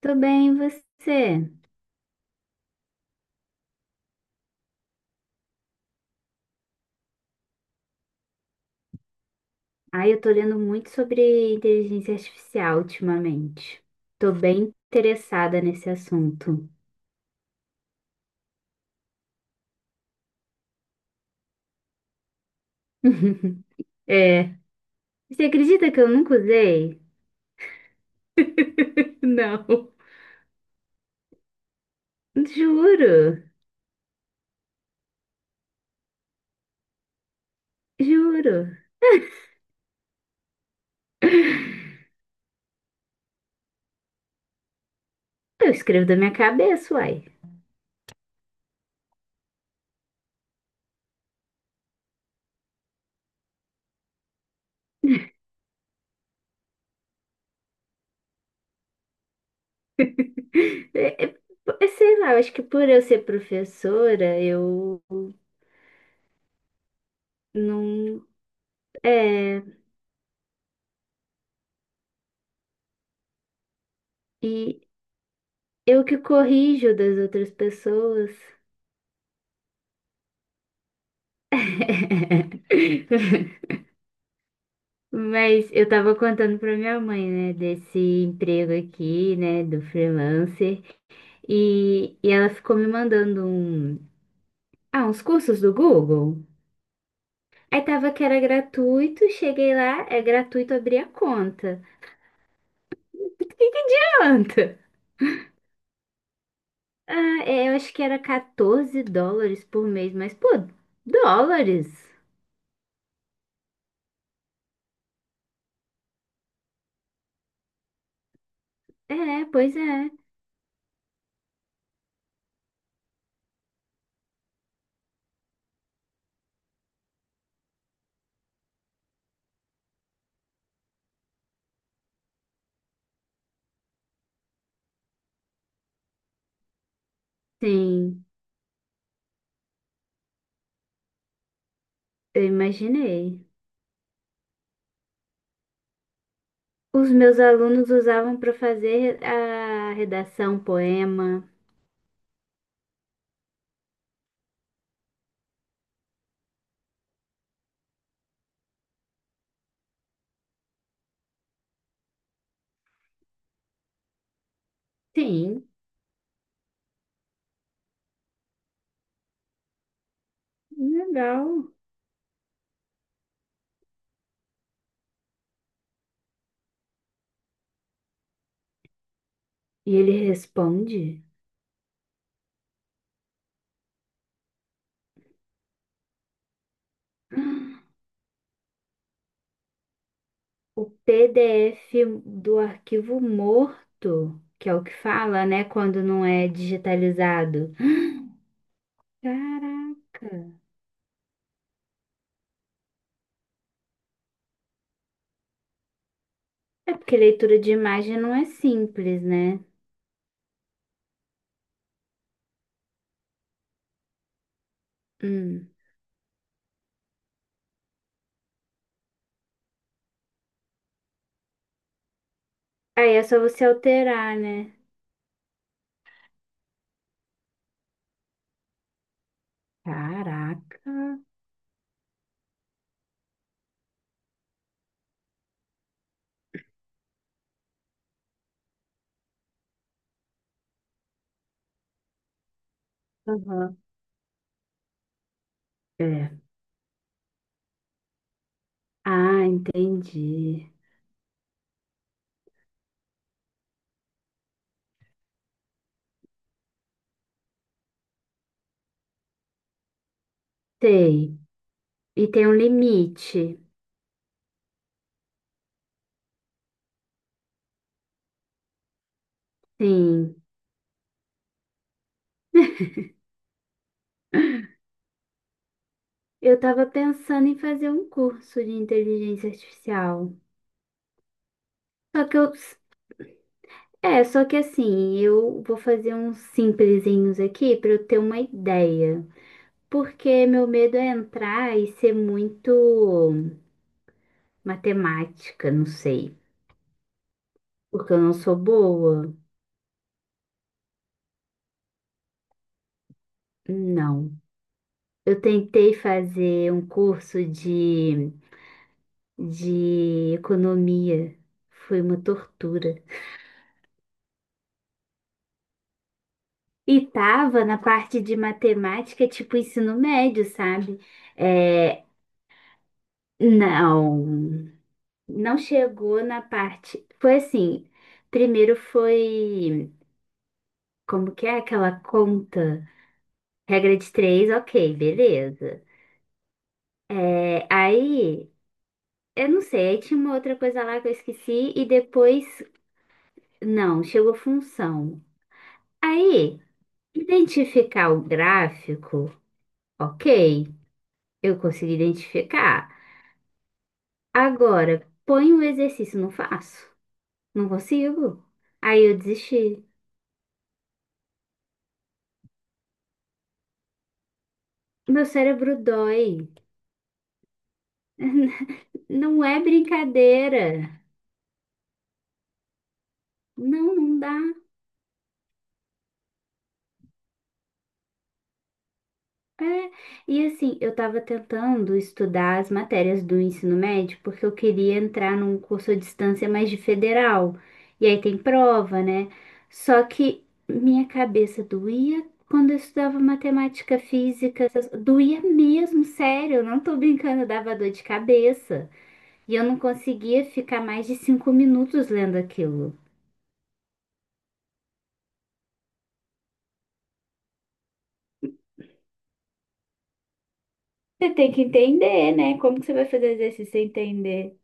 Tô bem, e você? Ai, eu tô lendo muito sobre inteligência artificial ultimamente. Tô bem interessada nesse assunto. É. Você acredita que eu nunca usei? Não. Juro, juro. Eu escrevo da minha cabeça, uai. É, é, é, sei lá, eu acho que por eu ser professora, eu não. É. E eu que corrijo das outras pessoas. Mas eu tava contando pra minha mãe, né, desse emprego aqui, né, do freelancer, e ela ficou me mandando uns cursos do Google. Aí tava que era gratuito, cheguei lá, é gratuito abrir a conta. O que que adianta? Ah, é, eu acho que era 14 dólares por mês, mas pô, dólares? É, pois é. Sim, eu imaginei. Os meus alunos usavam para fazer a redação, poema. Sim, legal. E ele responde: o PDF do arquivo morto, que é o que fala, né, quando não é digitalizado. Caraca. É porque leitura de imagem não é simples, né? Hum. Aí é só você alterar, né? Caraca. Aham. É. Ah, entendi. Sei. E tem um limite. Sim. Eu estava pensando em fazer um curso de inteligência artificial. Só que eu, só que assim, eu vou fazer uns simplesinhos aqui para eu ter uma ideia. Porque meu medo é entrar e ser muito matemática, não sei. Porque eu não sou boa. Não. Eu tentei fazer um curso de economia. Foi uma tortura. E tava na parte de matemática, tipo ensino médio, sabe? É, não, não chegou na parte. Foi assim, primeiro foi, como que é aquela conta? Regra de três, ok, beleza. É, aí, eu não sei, aí tinha uma outra coisa lá que eu esqueci e depois, não, chegou função. Aí, identificar o gráfico, ok, eu consegui identificar. Agora, põe o exercício, não faço. Não consigo. Aí eu desisti. Meu cérebro dói. Não é brincadeira. Não, não dá. É, e assim, eu estava tentando estudar as matérias do ensino médio porque eu queria entrar num curso à distância mais de federal. E aí tem prova, né? Só que minha cabeça doía quando eu estudava matemática, física, essas- doía mesmo, sério, eu não tô brincando, dava dor de cabeça. E eu não conseguia ficar mais de cinco minutos lendo aquilo. Você tem que entender, né? Como que você vai fazer exercício sem entender?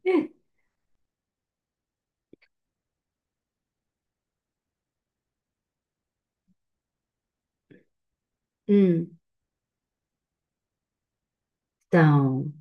Hum. Então.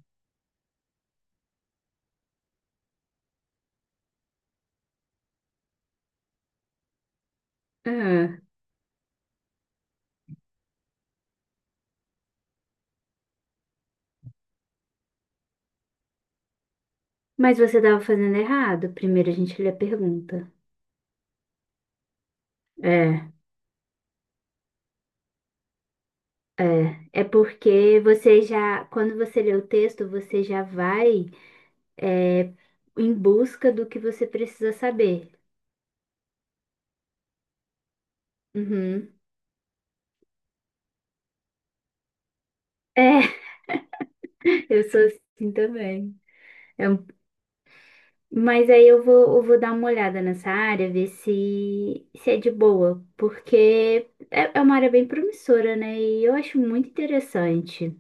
Mas você estava fazendo errado. Primeiro a gente lê a pergunta. É. É, é porque você já, quando você lê o texto, você já vai, é, em busca do que você precisa saber. Uhum. É, eu sou assim também. É um- mas aí eu vou dar uma olhada nessa área, ver se, se é de boa, porque é uma área bem promissora, né? E eu acho muito interessante.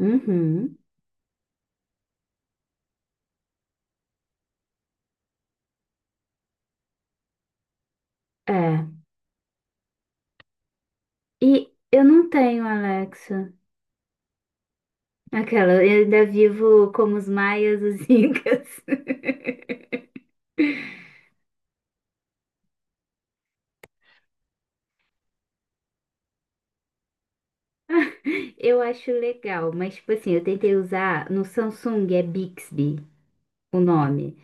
Uhum. É. E eu não tenho, Alexa. Aquela, eu ainda vivo como os maias, os incas. Eu acho legal, mas tipo assim, eu tentei usar no Samsung, é Bixby o nome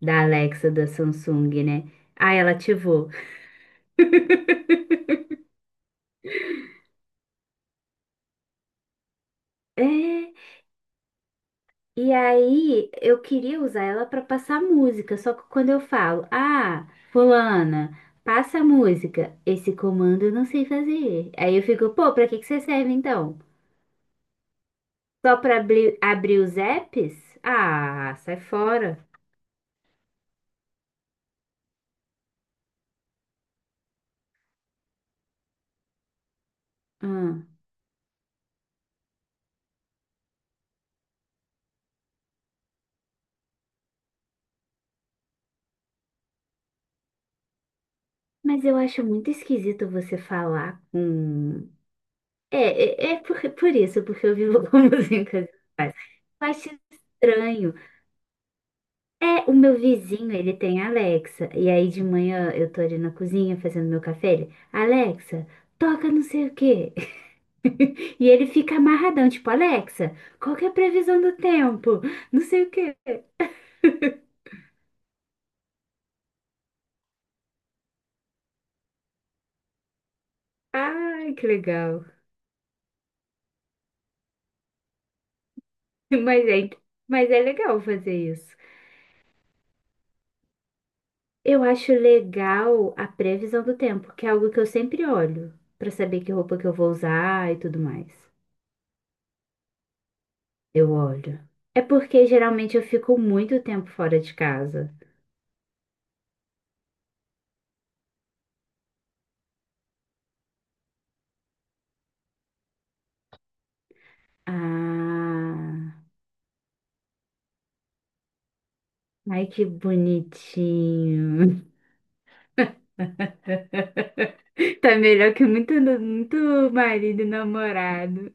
da Alexa da Samsung, né? Ah, ela ativou. É, e aí eu queria usar ela para passar música, só que quando eu falo, ah, fulana, passa a música, esse comando eu não sei fazer. Aí eu fico, pô, pra que que você serve então? Só para abrir os apps? Ah, sai fora. Ah, mas eu acho muito esquisito você falar com. É, é, por isso, porque eu vivo com músicas. Faz. Eu acho estranho. É, o meu vizinho, ele tem Alexa. E aí de manhã eu tô ali na cozinha fazendo meu café. Ele, Alexa, toca não sei o quê. E ele fica amarradão, tipo, Alexa, qual que é a previsão do tempo? Não sei o quê. Ai, que legal. Mas é, mas é legal fazer isso. Eu acho legal a previsão do tempo, que é algo que eu sempre olho, pra saber que roupa que eu vou usar e tudo mais. Eu olho. É porque geralmente eu fico muito tempo fora de casa. Ah, ai que bonitinho. Tá melhor que muito, muito marido e namorado.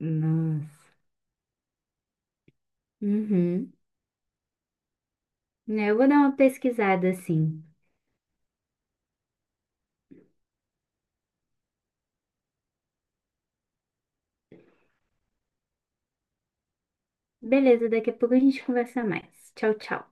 Nossa. Uhum. É, eu vou dar uma pesquisada assim. Beleza, daqui a pouco a gente conversa mais. Tchau, tchau.